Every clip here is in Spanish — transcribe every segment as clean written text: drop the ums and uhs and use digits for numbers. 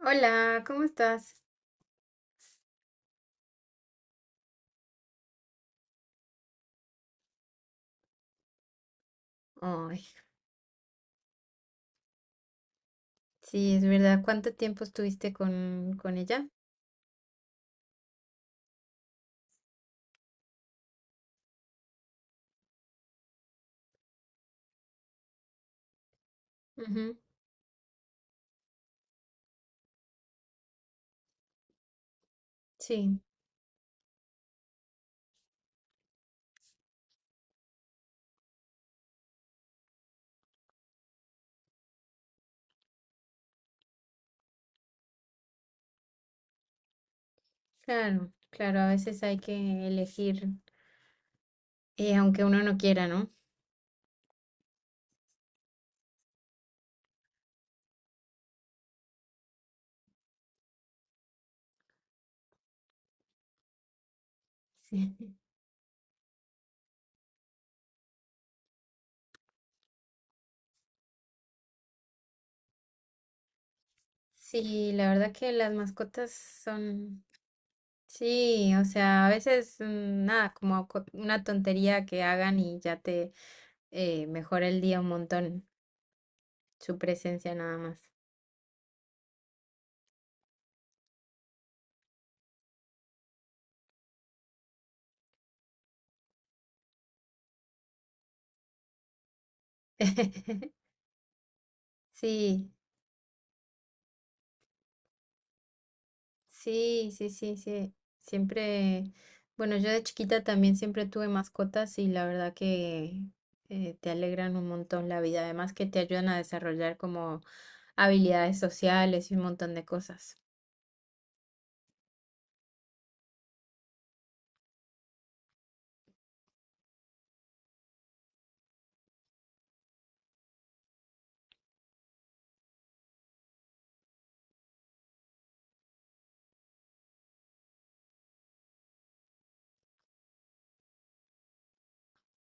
Hola, ¿cómo estás? Ay, sí, es verdad. ¿Cuánto tiempo estuviste con ella? Ujú. Sí, claro, claro, a veces hay que elegir, aunque uno no quiera, ¿no? Sí. Sí, la verdad que las mascotas son, sí, o sea, a veces nada, como una tontería que hagan y ya te mejora el día un montón, su presencia nada más. Sí. Sí, sí, sí, sí. Siempre, bueno, yo de chiquita también siempre tuve mascotas y la verdad que te alegran un montón la vida, además que te ayudan a desarrollar como habilidades sociales y un montón de cosas.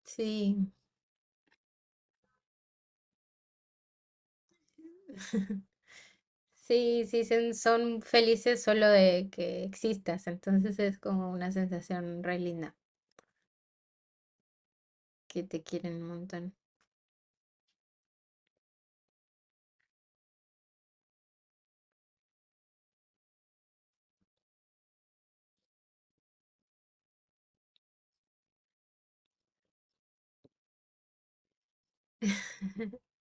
Sí, sí, sí, son felices solo de que existas, entonces es como una sensación re linda, que te quieren un montón.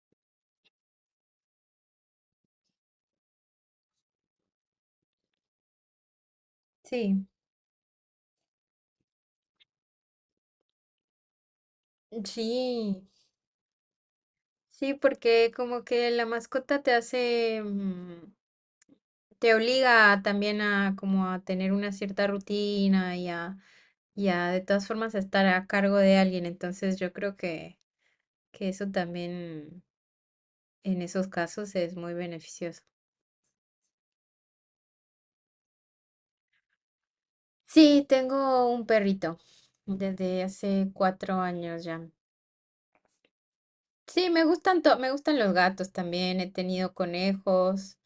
Sí, sí. Sí, porque como que la mascota te hace, te obliga también a como a tener una cierta rutina y a de todas formas a estar a cargo de alguien. Entonces yo creo que eso también en esos casos es muy beneficioso. Sí, tengo un perrito desde hace 4 años ya. Sí, me gustan me gustan los gatos también. He tenido conejos.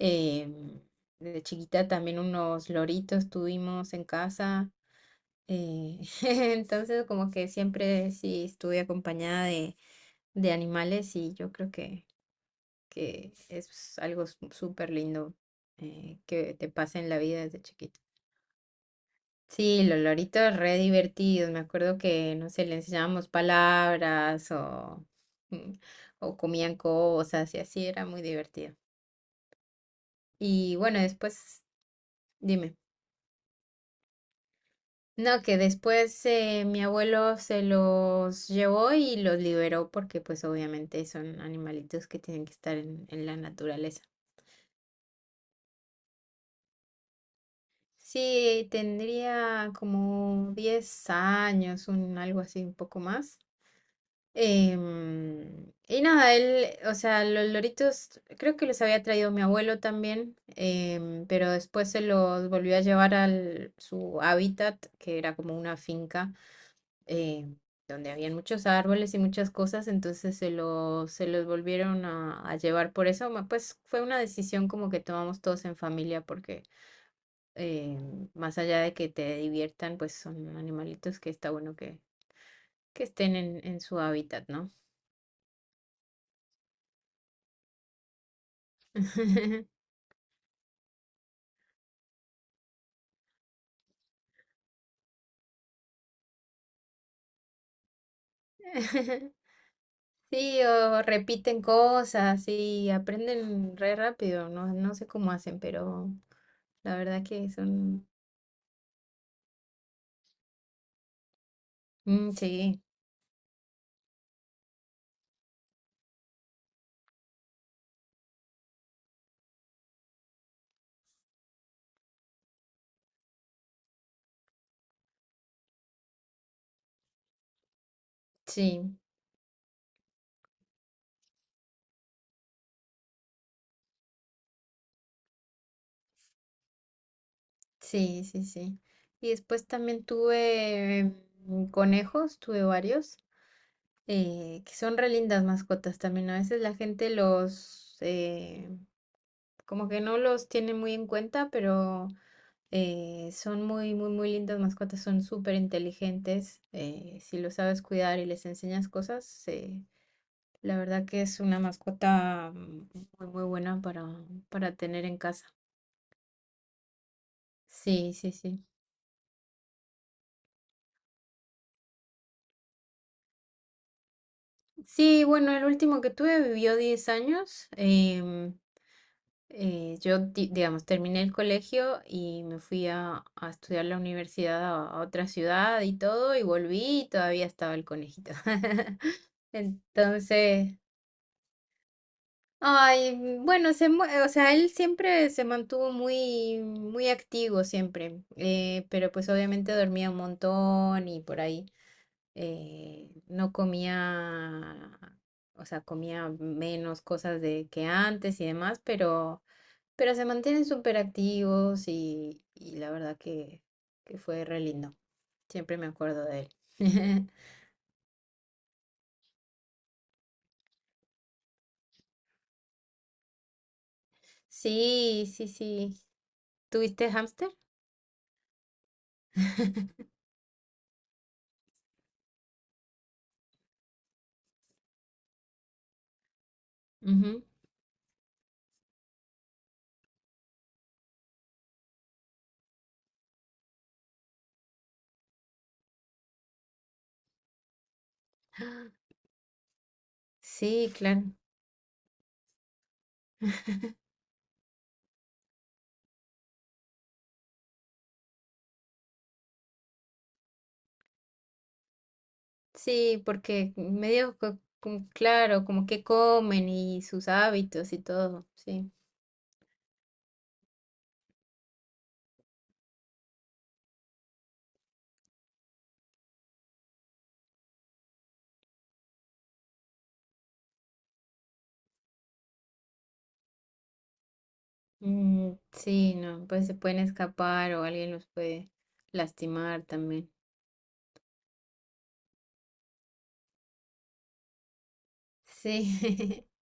em, de chiquita también unos loritos tuvimos en casa. eh, entonces, como que siempre sí estuve acompañada de animales y yo creo que es algo súper lindo que te pasa en la vida desde chiquito. Sí, los loritos re divertidos. Me acuerdo que, no sé, le enseñábamos palabras o, mm, o comían cosas y así era muy divertido. Y bueno, después, dime. No, que después mi abuelo se los llevó y los liberó porque pues obviamente son animalitos que tienen que estar en la naturaleza. Sí, tendría como 10 años, un, algo así, un poco más. Y nada, él, o sea, los loritos creo que los había traído mi abuelo también, pero después se los volvió a llevar al su hábitat, que era como una finca, eh, donde habían muchos árboles y muchas cosas, entonces se los volvieron a llevar por eso, pues fue una decisión como que tomamos todos en familia, porque más allá de que te diviertan, pues son animalitos que está bueno que estén en su hábitat, ¿no? Sí, o repiten cosas y aprenden re rápido, no sé cómo hacen, pero la verdad que son... Mm, sí, sí, sí, sí, sí. Y después también tuve conejos, tuve varios, que son re lindas mascotas también. ¿No? A veces la gente los, como que no los tiene muy en cuenta, pero... son muy, muy, muy lindas mascotas, son súper inteligentes. Si lo sabes cuidar y les enseñas cosas, la verdad que es una mascota muy, muy buena para tener en casa. Sí, sí, sí. Sí, bueno, el último que tuve vivió 10 años. Yo, digamos, terminé el colegio y me fui a estudiar la universidad a otra ciudad y todo, y volví y todavía estaba el conejito. Entonces... Ay, bueno, se, o sea, él siempre se mantuvo muy, muy activo siempre, pero pues obviamente dormía un montón y por ahí no comía, o sea, comía menos cosas de que antes y demás, pero se mantienen súper activos y la verdad que fue re lindo. Siempre me acuerdo de él. Sí, sí, sí. ¿Tuviste hámster? Ujú. Sí, claro. Sí, porque medio como, claro, como que comen y sus hábitos y todo, sí. Mm, sí, no, pues se pueden escapar o alguien los puede lastimar también. Sí.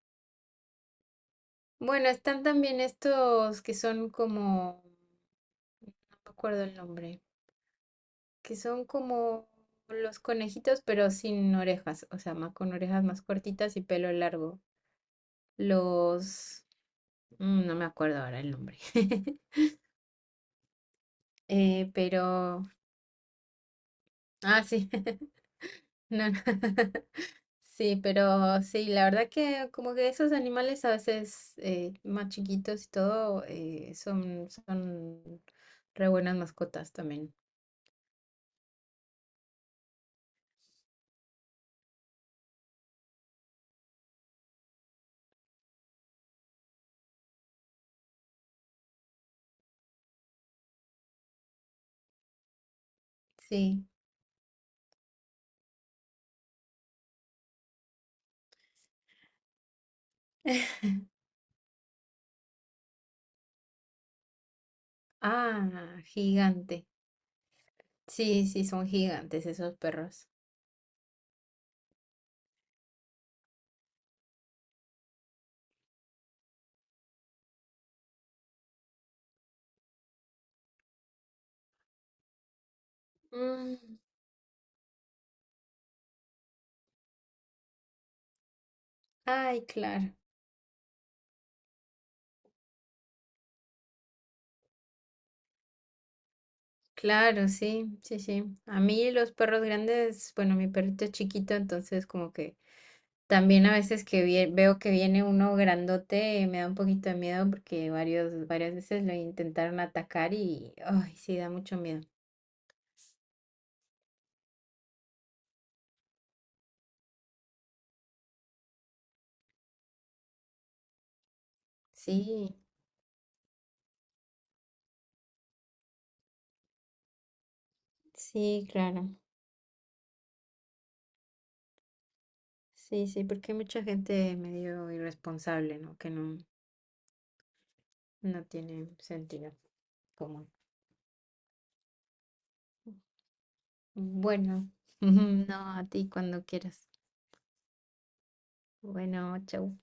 Bueno, están también estos que son como, no me acuerdo el nombre, que son como los conejitos pero sin orejas, o sea, más con orejas más cortitas y pelo largo. Los, no me acuerdo ahora el nombre. Pero, ah, sí, no, no. Sí, pero sí, la verdad que como que esos animales a veces más chiquitos y todo son, son re buenas mascotas también. Sí. Ah, gigante. Sí, sí, son gigantes esos perros. Mm. Ay, claro. Claro, sí, sí, sí. A mí los perros grandes, bueno, mi perrito es chiquito, entonces como que también a veces que veo que viene uno grandote, me da un poquito de miedo porque varios, varias veces lo intentaron atacar y, ay, sí, da mucho miedo. Sí, sí, claro. Sí, sí, porque hay mucha gente medio irresponsable, ¿no? Que no, no tiene sentido común. Bueno, no, a ti cuando quieras. Bueno, chau.